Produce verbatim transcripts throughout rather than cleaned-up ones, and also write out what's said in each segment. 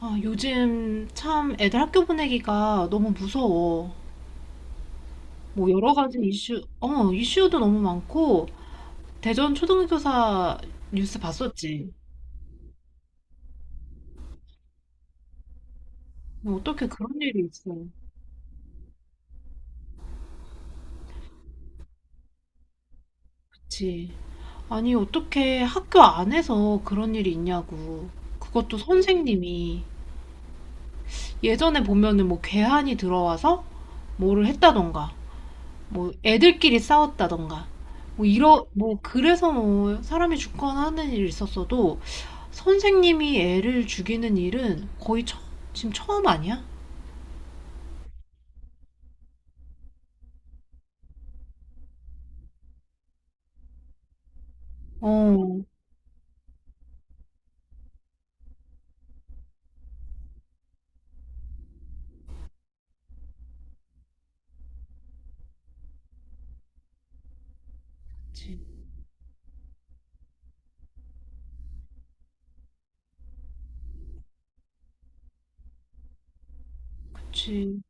아, 요즘 참 애들 학교 보내기가 너무 무서워. 뭐 여러 가지 이슈, 어, 이슈도 너무 많고, 대전 초등교사 뉴스 봤었지. 뭐 어떻게 그런 일이 있어. 그치. 아니, 어떻게 학교 안에서 그런 일이 있냐고. 그것도 선생님이 예전에 보면은 뭐 괴한이 들어와서 뭐를 했다던가, 뭐 애들끼리 싸웠다던가, 뭐 이러, 뭐 그래서 뭐 사람이 죽거나 하는 일이 있었어도 선생님이 애를 죽이는 일은 거의 처, 지금 처음 아니야? 어. 그치. 그치.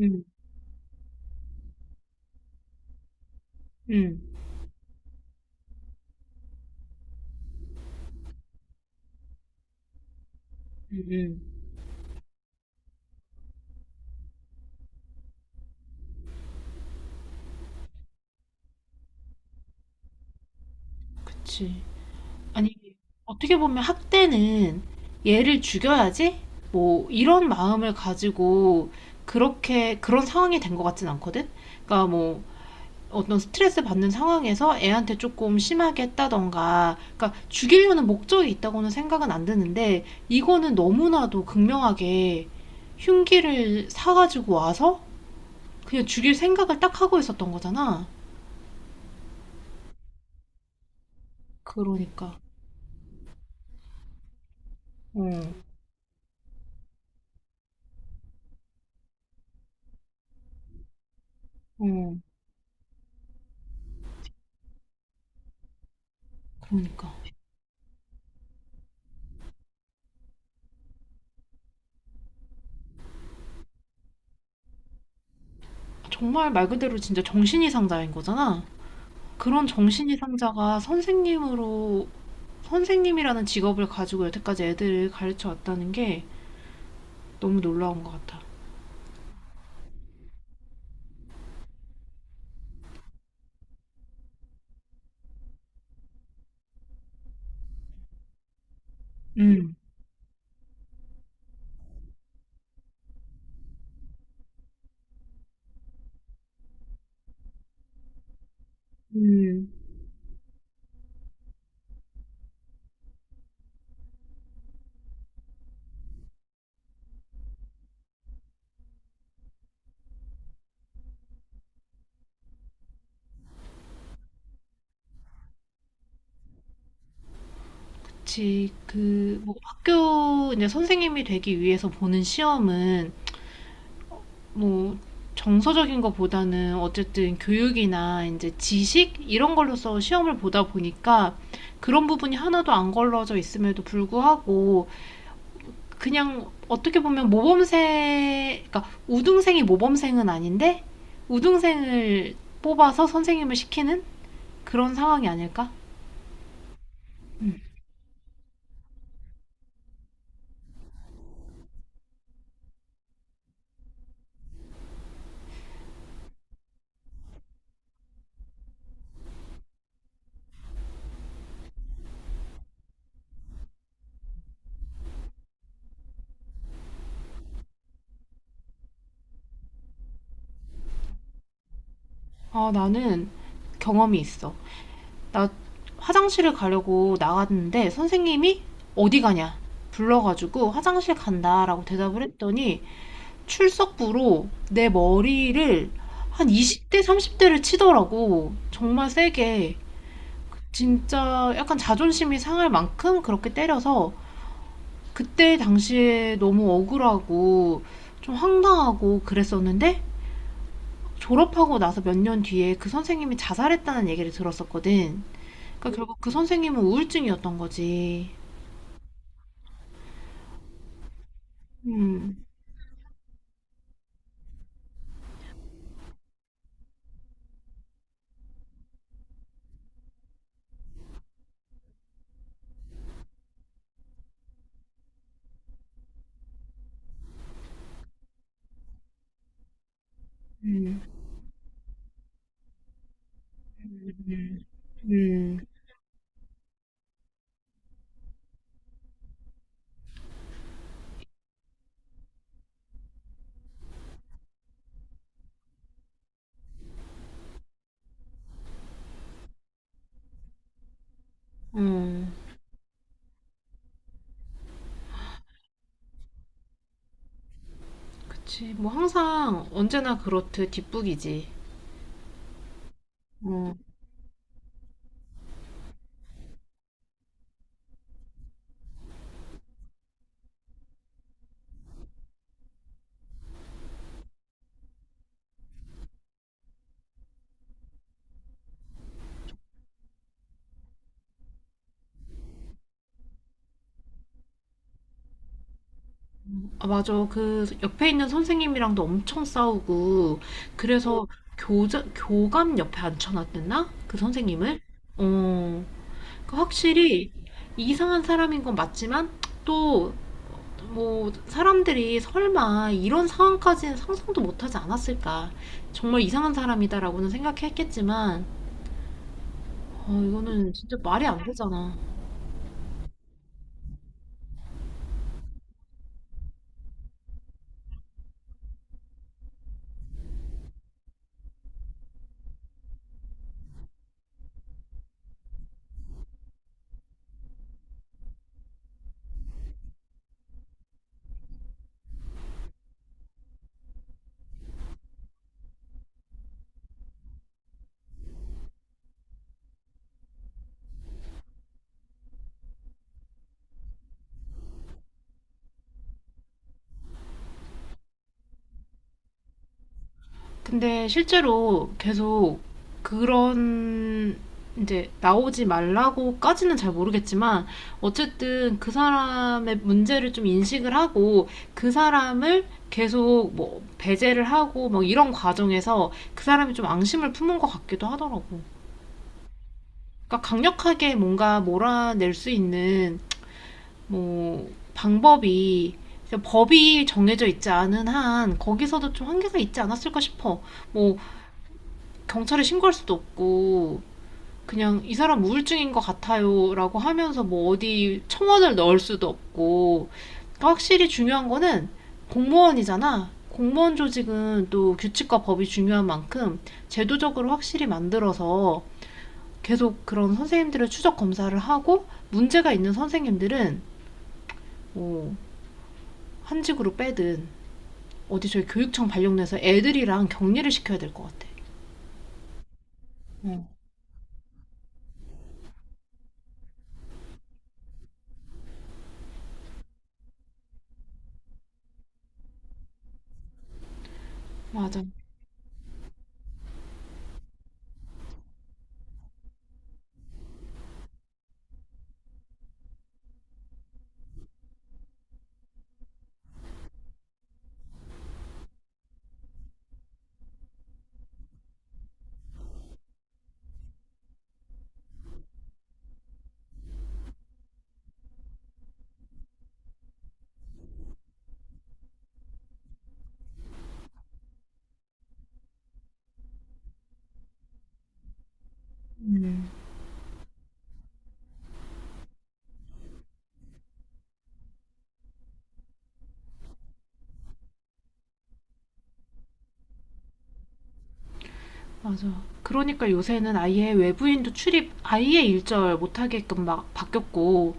응. 응. 응. 응. 그치. 아니, 어떻게 보면 학대는 얘를 죽여야지? 뭐, 이런 마음을 가지고 그렇게, 그런 상황이 된 것 같진 않거든? 그러니까 뭐, 어떤 스트레스 받는 상황에서 애한테 조금 심하게 했다던가, 그러니까 죽이려는 목적이 있다고는 생각은 안 드는데, 이거는 너무나도 극명하게 흉기를 사가지고 와서 그냥 죽일 생각을 딱 하고 있었던 거잖아. 그러니까. 응. 응. 그러니까. 정말 말 그대로 진짜 정신이상자인 거잖아. 그런 정신이상자가 선생님으로, 선생님이라는 직업을 가지고 여태까지 애들을 가르쳐 왔다는 게 너무 놀라운 것 같아. 음. 음. 그치. 그, 뭐, 학교, 이제 선생님이 되기 위해서 보는 시험은 뭐 정서적인 것보다는 어쨌든 교육이나 이제 지식 이런 걸로서 시험을 보다 보니까 그런 부분이 하나도 안 걸러져 있음에도 불구하고 그냥 어떻게 보면 모범생, 그러니까 우등생이 모범생은 아닌데 우등생을 뽑아서 선생님을 시키는 그런 상황이 아닐까? 아, 나는 경험이 있어. 나 화장실을 가려고 나갔는데 선생님이 어디 가냐? 불러가지고 화장실 간다라고 대답을 했더니 출석부로 내 머리를 한 이십 대, 삼십 대를 치더라고. 정말 세게. 진짜 약간 자존심이 상할 만큼 그렇게 때려서 그때 당시에 너무 억울하고 좀 황당하고 그랬었는데 졸업하고 나서 몇 년 뒤에 그 선생님이 자살했다는 얘기를 들었었거든. 그러니까 결국 그 선생님은 우울증이었던 거지. 음. 음. 음. 음. 음. 그치. 뭐 항상 언제나 그렇듯 뒷북이지. 어. 아, 맞아. 그 옆에 있는 선생님이랑도 엄청 싸우고, 그래서 교자, 교감 옆에 앉혀놨댔나? 그 선생님을? 어, 그 확실히 이상한 사람인 건 맞지만, 또 뭐 사람들이 설마 이런 상황까지는 상상도 못하지 않았을까. 정말 이상한 사람이다라고는 생각했겠지만, 어, 이거는 진짜 말이 안 되잖아. 근데 실제로 계속 그런 이제 나오지 말라고까지는 잘 모르겠지만 어쨌든 그 사람의 문제를 좀 인식을 하고 그 사람을 계속 뭐 배제를 하고 뭐 이런 과정에서 그 사람이 좀 앙심을 품은 것 같기도 하더라고. 그러니까 강력하게 뭔가 몰아낼 수 있는 뭐 방법이 법이 정해져 있지 않은 한 거기서도 좀 한계가 있지 않았을까 싶어. 뭐 경찰에 신고할 수도 없고 그냥 이 사람 우울증인 것 같아요라고 하면서 뭐 어디 청원을 넣을 수도 없고 그러니까 확실히 중요한 거는 공무원이잖아. 공무원 조직은 또 규칙과 법이 중요한 만큼 제도적으로 확실히 만들어서 계속 그런 선생님들을 추적 검사를 하고 문제가 있는 선생님들은 뭐 한직으로 빼든 어디 저희 교육청 발령내서 애들이랑 격리를 시켜야 될 것 같아. 맞아. 맞아. 그러니까 요새는 아예 외부인도 출입 아예 일절 못하게끔 막 바뀌었고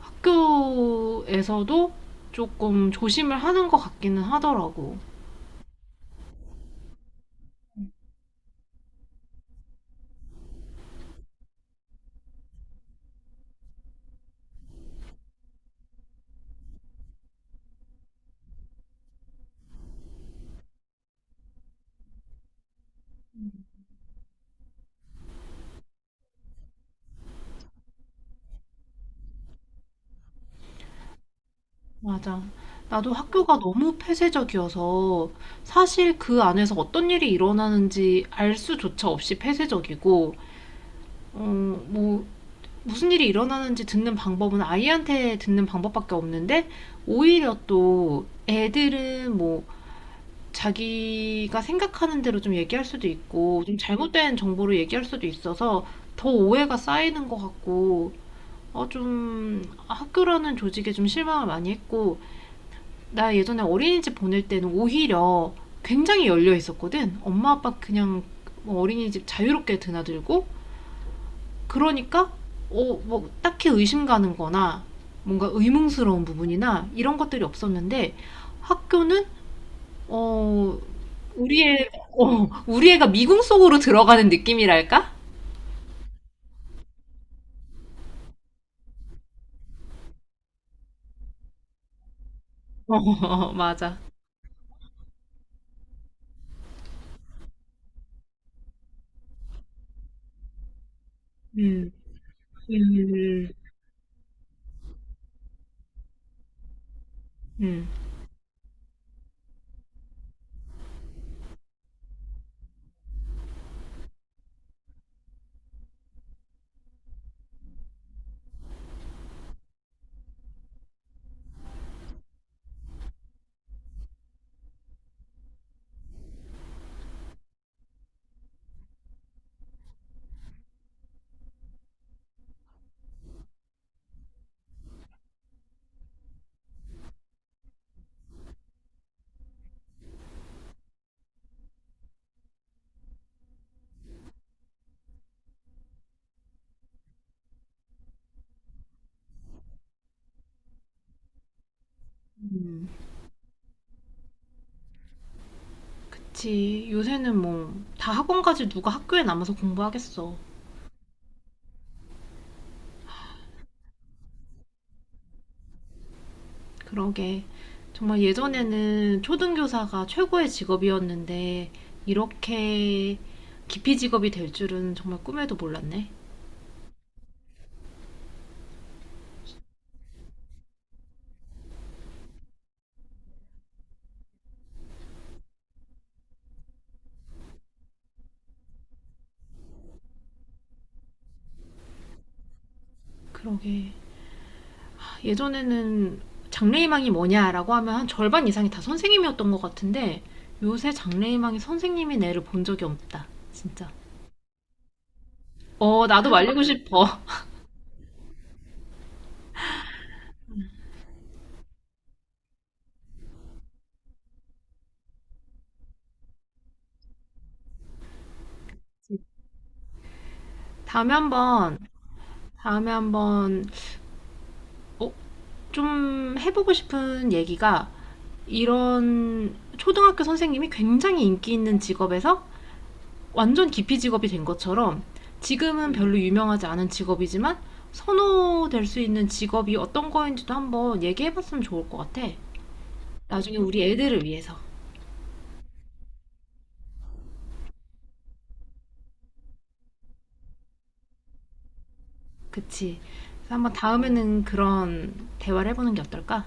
학교에서도 조금 조심을 하는 것 같기는 하더라고. 맞아. 나도 학교가 너무 폐쇄적이어서 사실 그 안에서 어떤 일이 일어나는지 알 수조차 없이 폐쇄적이고, 어, 뭐, 무슨 일이 일어나는지 듣는 방법은 아이한테 듣는 방법밖에 없는데, 오히려 또 애들은 뭐, 자기가 생각하는 대로 좀 얘기할 수도 있고, 좀 잘못된 정보를 얘기할 수도 있어서 더 오해가 쌓이는 것 같고, 어, 좀 학교라는 조직에 좀 실망을 많이 했고, 나 예전에 어린이집 보낼 때는 오히려 굉장히 열려 있었거든. 엄마 아빠 그냥 뭐 어린이집 자유롭게 드나들고 그러니까 어, 뭐 딱히 의심 가는 거나 뭔가 의문스러운 부분이나 이런 것들이 없었는데 학교는 어 우리 애 어, 우리 애가 미궁 속으로 들어가는 느낌이랄까? 어, 맞아. 음. 음. 음. 음. 음. 그치. 요새는 뭐 다 학원까지 누가 학교에 남아서 공부하겠어. 그러게. 정말 예전에는 초등교사가 최고의 직업이었는데, 이렇게 기피 직업이 될 줄은 정말 꿈에도 몰랐네. 그러게. 예전에는 장래희망이 뭐냐라고 하면 한 절반 이상이 다 선생님이었던 것 같은데, 요새 장래희망이 선생님인 애를 본 적이 없다. 진짜. 어, 나도 말리고 싶어. 다음에 한번, 다음에 한번, 어, 좀 해보고 싶은 얘기가 이런 초등학교 선생님이 굉장히 인기 있는 직업에서 완전 기피 직업이 된 것처럼 지금은 별로 유명하지 않은 직업이지만 선호될 수 있는 직업이 어떤 거인지도 한번 얘기해봤으면 좋을 것 같아. 나중에 우리 애들을 위해서. 그치. 그래서 한번 다음에는 그런 대화를 해보는 게 어떨까?